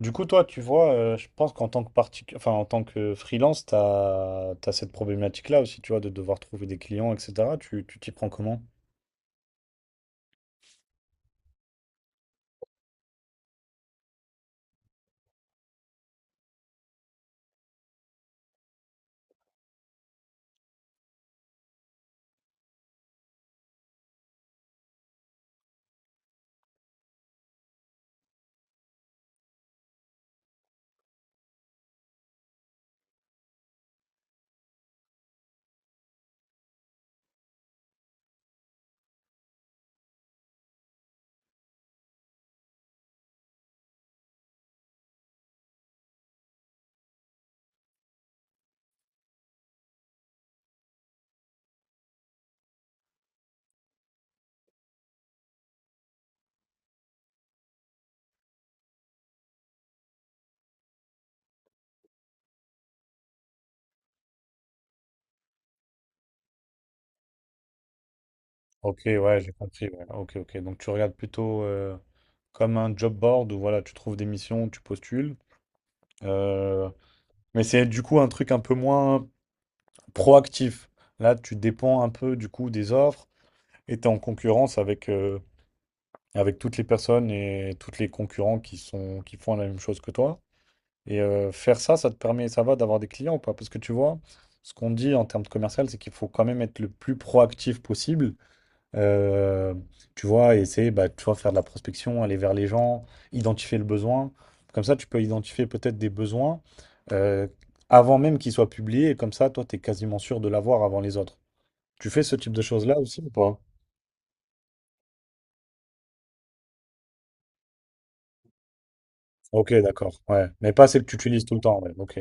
Du coup, toi, tu vois, je pense qu'en tant que particu- enfin, en tant que freelance, tu as, cette problématique-là aussi, tu vois, de devoir trouver des clients, etc. Tu t'y prends comment? Ok, ouais, j'ai compris. Ouais. Ok, ok. Donc, tu regardes plutôt comme un job board où, voilà, tu trouves des missions, tu postules. Euh, mais c'est du coup un truc un peu moins proactif. Là, tu dépends un peu du coup des offres et tu es en concurrence avec, avec toutes les personnes et tous les concurrents qui font la même chose que toi. Et faire ça, ça te permet, ça va d'avoir des clients ou pas? Parce que tu vois, ce qu'on dit en termes de commercial, c'est qu'il faut quand même être le plus proactif possible. Euh, tu vois, essayer, bah, tu vois, faire de la prospection, aller vers les gens, identifier le besoin. Comme ça, tu peux identifier peut-être des besoins euh, avant même qu'ils soient publiés. Et comme ça, toi, tu es quasiment sûr de l'avoir avant les autres. Tu fais ce type de choses-là aussi ou pas? Ok, d'accord. Ouais. Mais pas celle que tu utilises tout le temps. Ouais, ok.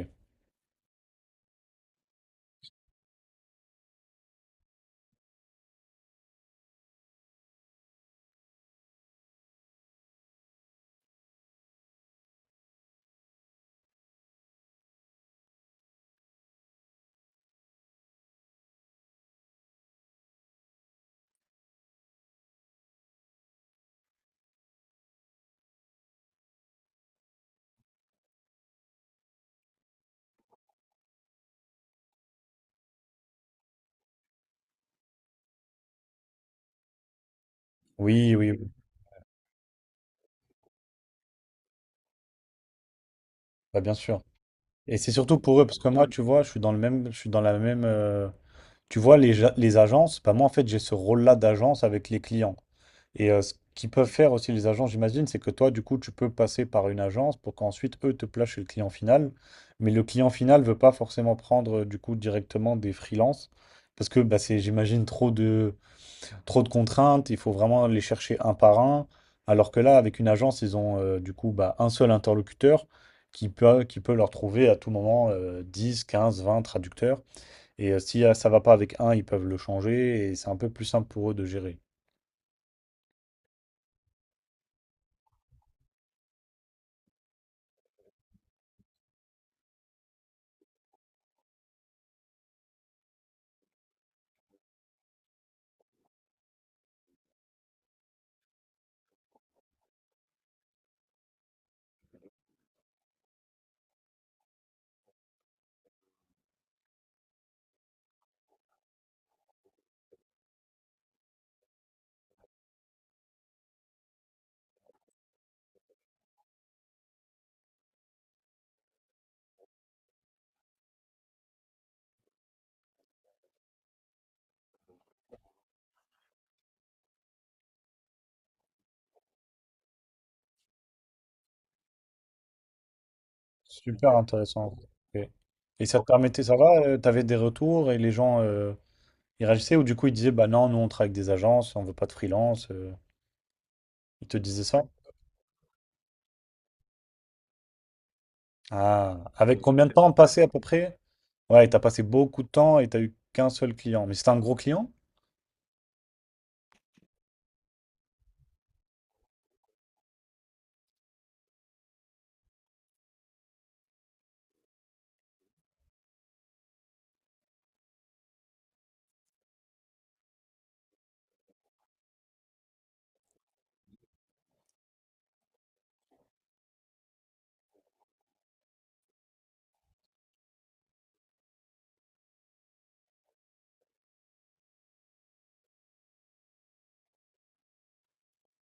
Oui, oui, oui. Bah, bien sûr. Et c'est surtout pour eux, parce que moi, tu vois, je suis dans le même, je suis dans la même. Tu vois, les agences, bah moi, en fait, j'ai ce rôle-là d'agence avec les clients. Et ce qu'ils peuvent faire aussi, les agences, j'imagine, c'est que toi, du coup, tu peux passer par une agence pour qu'ensuite, eux, te placent chez le client final. Mais le client final ne veut pas forcément prendre, du coup, directement des freelances, parce que bah, c'est, j'imagine, trop de contraintes, il faut vraiment les chercher un par un. Alors que là, avec une agence, ils ont du coup bah, un seul interlocuteur qui peut leur trouver à tout moment 10, 15, 20 traducteurs. Et si ça va pas avec un, ils peuvent le changer et c'est un peu plus simple pour eux de gérer. Super intéressant. Ok. Et ça te permettait, ça va? Tu avais des retours et les gens ils réagissaient ou du coup ils disaient bah non, nous on travaille avec des agences, on veut pas de freelance. Ils te disaient ça? Ah, avec combien de temps passé à peu près? Ouais, t'as passé beaucoup de temps et t'as eu qu'un seul client. Mais c'était un gros client?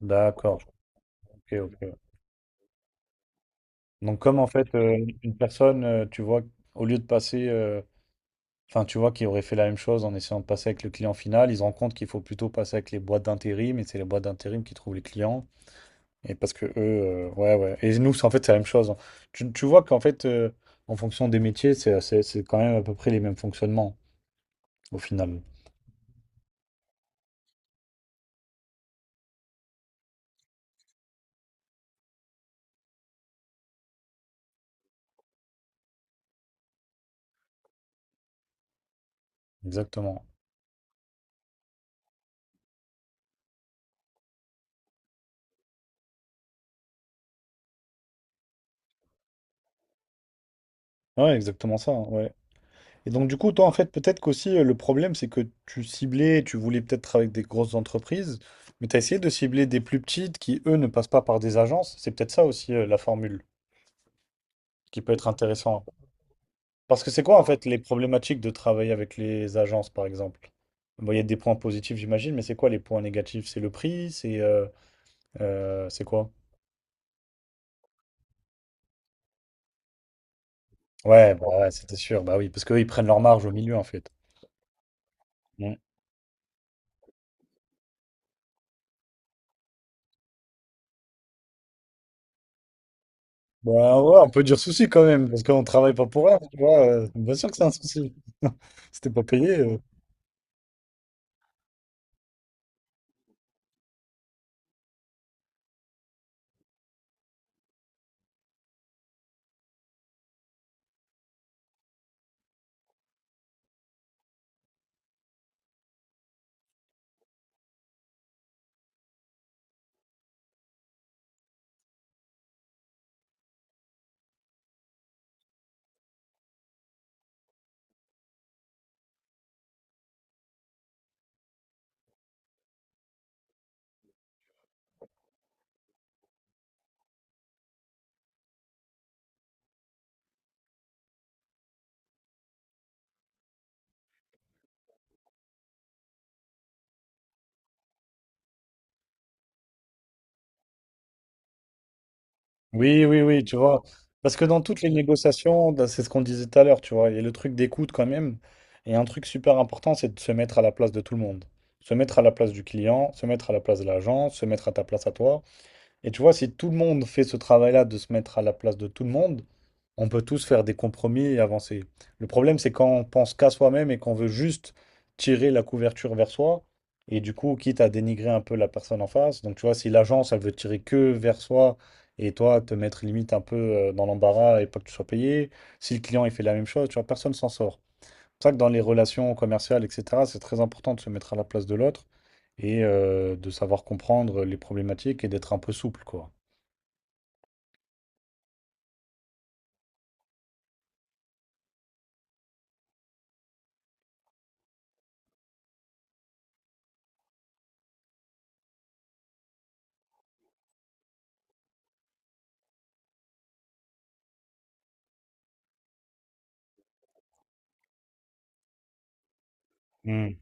D'accord. Ok, ok. Donc comme en fait une personne, tu vois, au lieu de passer enfin, tu vois, qui auraient fait la même chose en essayant de passer avec le client final. Ils se rendent compte qu'il faut plutôt passer avec les boîtes d'intérim, et c'est les boîtes d'intérim qui trouvent les clients. Et parce que eux, ouais, ouais. Et nous, en fait, c'est la même chose. Hein. Tu vois qu'en fait, en fonction des métiers, c'est quand même à peu près les mêmes fonctionnements, au final. Exactement. Ouais, exactement ça. Hein, ouais. Et donc, du coup, toi, en fait, peut-être qu'aussi, le problème, c'est que tu ciblais, tu voulais peut-être travailler avec des grosses entreprises, mais tu as essayé de cibler des plus petites qui, eux, ne passent pas par des agences. C'est peut-être ça aussi, la formule, qui peut être intéressant. Parce que c'est quoi en fait les problématiques de travailler avec les agences par exemple? Bon, il y a des points positifs j'imagine, mais c'est quoi les points négatifs? C'est le prix? C'est quoi? Ouais, bah ouais, c'était sûr, bah oui, parce qu'eux ils prennent leur marge au milieu en fait. Mm. Bah ouais, on peut dire souci quand même, parce qu'on travaille pas pour rien, tu vois. Bien sûr que c'est un souci. C'était pas payé. Oui, oui, oui, tu vois. Parce que dans toutes les négociations, c'est ce qu'on disait tout à l'heure, tu vois, il y a le truc d'écoute quand même. Et un truc super important, c'est de se mettre à la place de tout le monde. Se mettre à la place du client, se mettre à la place de l'agent, se mettre à ta place à toi. Et tu vois, si tout le monde fait ce travail-là de se mettre à la place de tout le monde, on peut tous faire des compromis et avancer. Le problème, c'est quand on pense qu'à soi-même et qu'on veut juste tirer la couverture vers soi, et du coup, quitte à dénigrer un peu la personne en face. Donc, tu vois, si l'agence, elle veut tirer que vers soi, et toi, te mettre limite un peu dans l'embarras et pas que tu sois payé, si le client, il fait la même chose, tu vois, personne s'en sort. C'est vrai que dans les relations commerciales, etc., c'est très important de se mettre à la place de l'autre et de savoir comprendre les problématiques et d'être un peu souple, quoi. Hmm.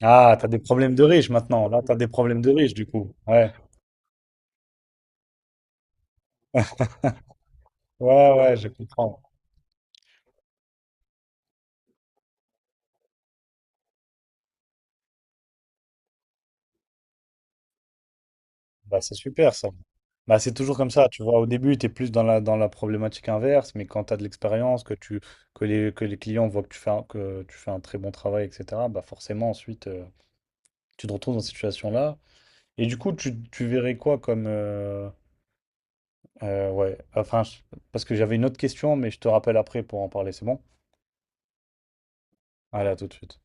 Ah, t'as des problèmes de riches maintenant. Là, t'as des problèmes de riches, du coup. Ouais, ouais, ouais, je comprends. Bah, c'est super, ça. Bah, c'est toujours comme ça, tu vois. Au début, tu es plus dans la problématique inverse, mais quand tu as de l'expérience, que tu, que les clients voient que tu fais un très bon travail, etc., bah forcément, ensuite, tu te retrouves dans cette situation-là. Et du coup, tu verrais quoi comme. Ouais, enfin, parce que j'avais une autre question, mais je te rappelle après pour en parler, c'est bon? Allez, à tout de suite.